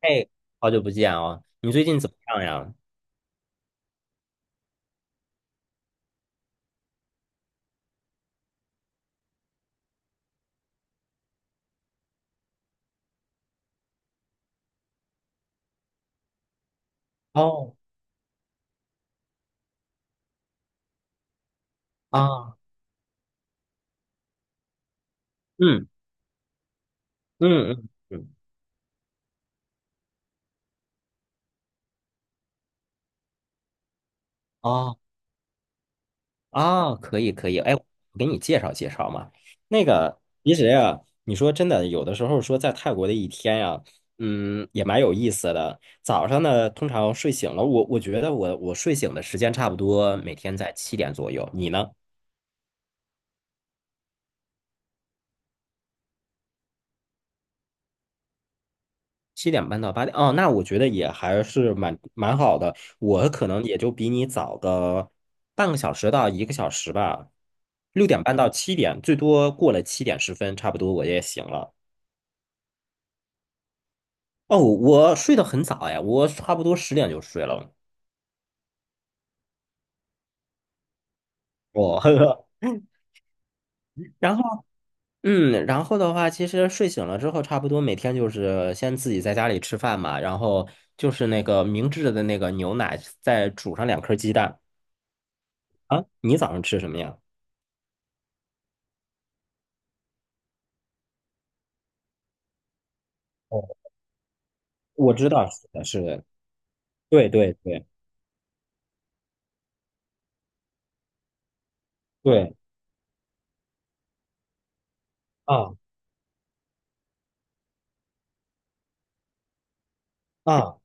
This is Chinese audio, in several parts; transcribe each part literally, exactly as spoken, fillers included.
哎，好久不见哦，你最近怎么样呀？哦，啊，嗯嗯嗯嗯，哦啊，可以可以，哎，我给你介绍介绍嘛。那个，其实呀，你说真的，有的时候说在泰国的一天呀，嗯，也蛮有意思的。早上呢，通常睡醒了，我我觉得我我睡醒的时间差不多每天在七点左右，你呢？七点半到八点，哦，那我觉得也还是蛮蛮好的。我可能也就比你早个半个小时到一个小时吧，六点半到七点，最多过了七点十分，差不多我也醒了。哦，我睡得很早呀，我差不多十点就睡了。哦，然后嗯，然后的话，其实睡醒了之后，差不多每天就是先自己在家里吃饭嘛，然后就是那个明治的那个牛奶，再煮上两颗鸡蛋。啊，你早上吃什么呀？我知道，是的，是的，对对对对啊啊，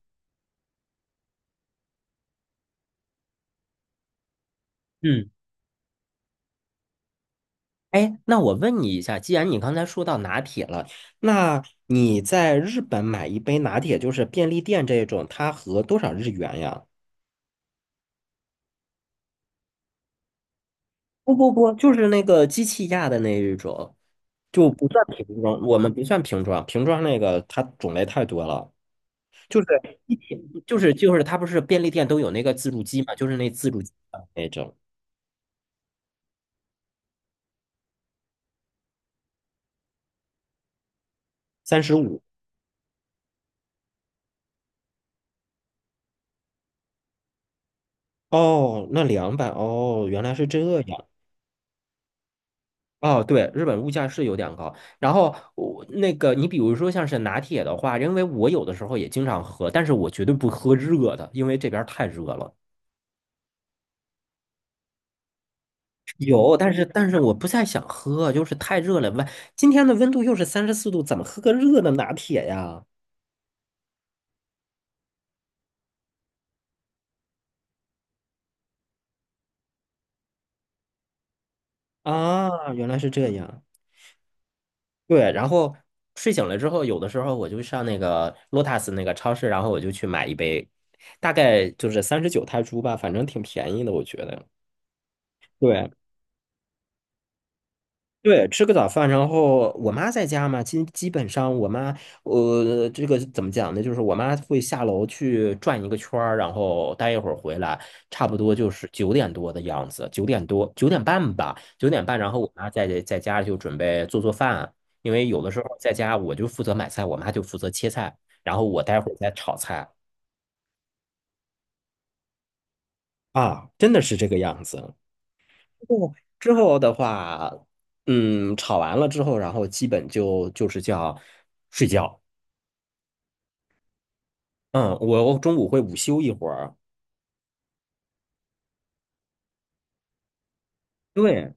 嗯，哎，那我问你一下，既然你刚才说到拿铁了，那你在日本买一杯拿铁，就是便利店这种，它合多少日元呀？不不不，就是那个机器压的那一种，就不算瓶装，我们不算瓶装，瓶装那个它种类太多了，就是一瓶，就是就是它不是便利店都有那个自助机嘛，就是那自助机的那种，三十五哦，那两百哦，原来是这样。哦，对，日本物价是有点高。然后我那个，你比如说像是拿铁的话，因为我有的时候也经常喝，但是我绝对不喝热的，因为这边儿太热了。有，但是但是我不太想喝，就是太热了。温今天的温度又是三十四度，怎么喝个热的拿铁呀？啊，原来是这样。对，然后睡醒了之后，有的时候我就上那个 Lotus 那个超市，然后我就去买一杯，大概就是三十九泰铢吧，反正挺便宜的，我觉得。对，对，吃个早饭，然后我妈在家嘛，基基本上我妈，呃，这个怎么讲呢？就是我妈会下楼去转一个圈儿，然后待一会儿回来，差不多就是九点多的样子，九点多，九点半吧，九点半，然后我妈在在家就准备做做饭，因为有的时候在家我就负责买菜，我妈就负责切菜，然后我待会儿再炒菜啊，真的是这个样子。后之后的话，嗯，吵完了之后，然后基本就就是叫睡觉。嗯，我中午会午休一会儿。对，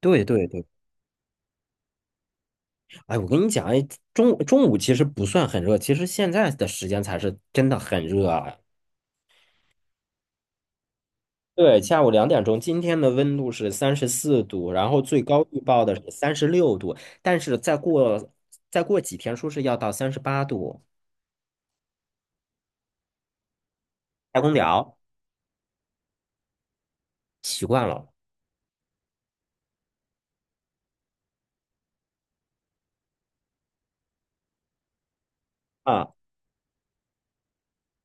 对，对，对。哎，我跟你讲，哎，中中午其实不算很热，其实现在的时间才是真的很热啊。对，下午两点钟，今天的温度是三十四度，然后最高预报的是三十六度，但是再过再过几天，说是要到三十八度。开空调，习惯了。啊。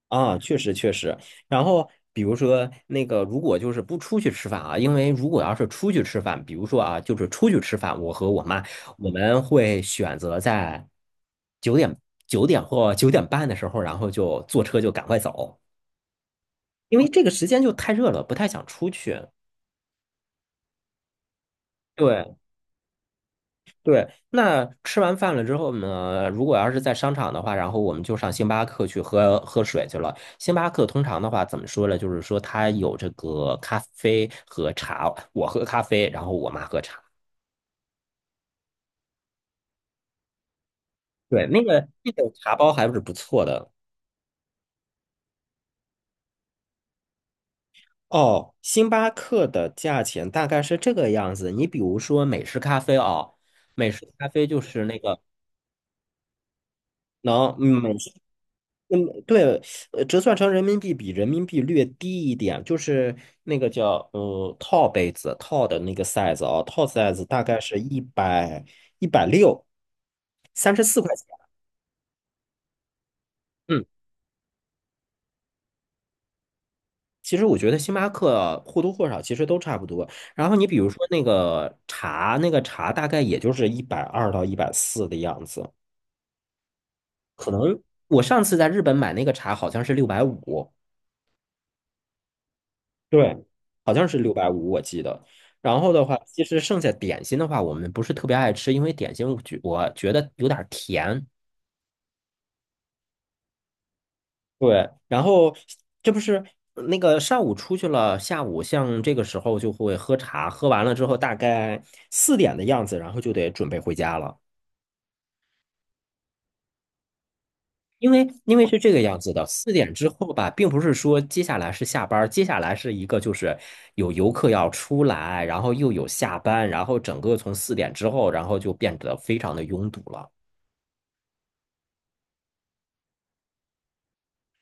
啊，确实确实。然后比如说那个，如果就是不出去吃饭啊，因为如果要是出去吃饭，比如说啊，就是出去吃饭，我和我妈我们会选择在九点九点或九点半的时候，然后就坐车就赶快走，因为这个时间就太热了，不太想出去。对。对，那吃完饭了之后呢，如果要是在商场的话，然后我们就上星巴克去喝喝水去了。星巴克通常的话，怎么说呢？就是说它有这个咖啡和茶，我喝咖啡，然后我妈喝茶。对，那个那个茶包还是不错的。哦，星巴克的价钱大概是这个样子。你比如说美式咖啡哦，美式咖啡就是那个能，嗯嗯，对，呃，折算成人民币比人民币略低一点，就是那个叫呃套杯子套的那个 size 啊，套 size 大概是一百一百六，三十四块钱。嗯，其实我觉得星巴克或多或少其实都差不多。然后你比如说那个茶，那个茶大概也就是一百二到一百四的样子，可能我上次在日本买那个茶好像是六百五。对，好像是六百五，我记得。然后的话，其实剩下点心的话，我们不是特别爱吃，因为点心我觉我觉得有点儿甜。对，然后这不是那个上午出去了，下午像这个时候就会喝茶，喝完了之后大概四点的样子，然后就得准备回家了。因为因为是这个样子的，四点之后吧，并不是说接下来是下班儿接下来是一个就是有游客要出来，然后又有下班，然后整个从四点之后，然后就变得非常的拥堵了。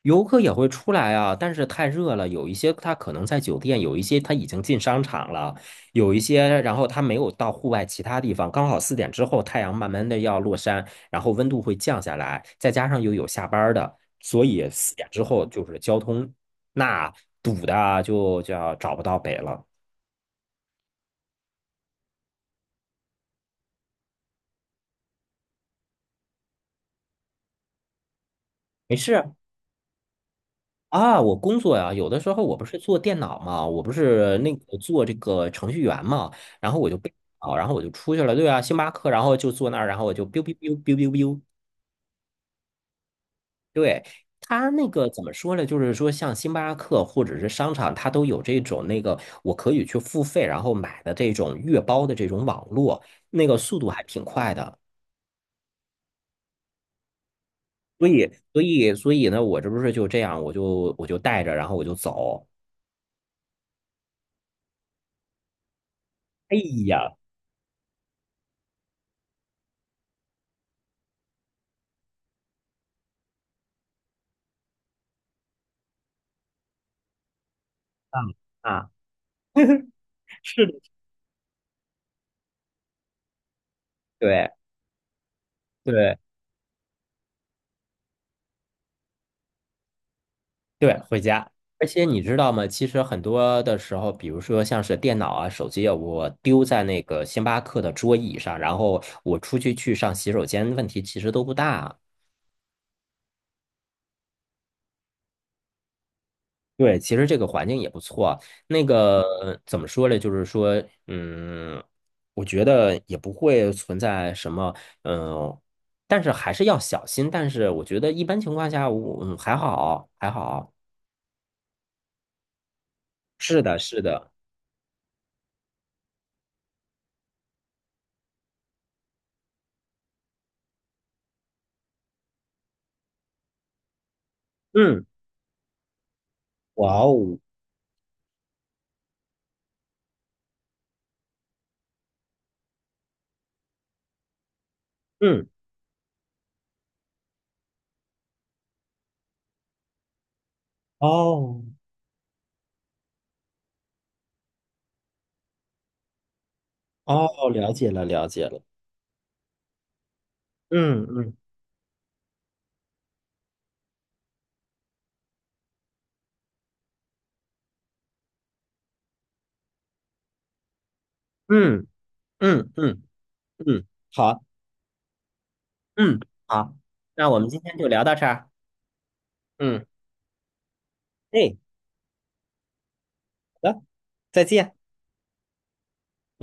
游客也会出来啊，但是太热了，有一些他可能在酒店，有一些他已经进商场了，有一些然后他没有到户外其他地方，刚好四点之后太阳慢慢的要落山，然后温度会降下来，再加上又有下班儿的，所以四点之后就是交通那堵的啊就叫找不到北了。没事，啊，我工作呀，有的时候我不是做电脑嘛，我不是那个做这个程序员嘛，然后我就被啊，然后我就出去了，对啊，星巴克，然后就坐那儿，然后我就 biu biu biu biu biu biu，对，他那个怎么说呢？就是说像星巴克或者是商场，它都有这种那个我可以去付费，然后买的这种月包的这种网络，那个速度还挺快的，所以所以所以呢，我这不是就这样，我就我就带着，然后我就走，哎呀，啊啊，是的，对。对对，回家。而且你知道吗？其实很多的时候，比如说像是电脑啊、手机啊，我丢在那个星巴克的桌椅上，然后我出去去上洗手间，问题其实都不大。对，其实这个环境也不错。那个呃怎么说呢？就是说，嗯，我觉得也不会存在什么，嗯，但是还是要小心。但是我觉得一般情况下，我嗯还好，还好。是的，是的，嗯，哇哦，嗯。哦哦，了解了，了解了。嗯嗯嗯嗯嗯嗯，好，嗯好，那我们今天就聊到这儿。嗯，哎，好的，再见。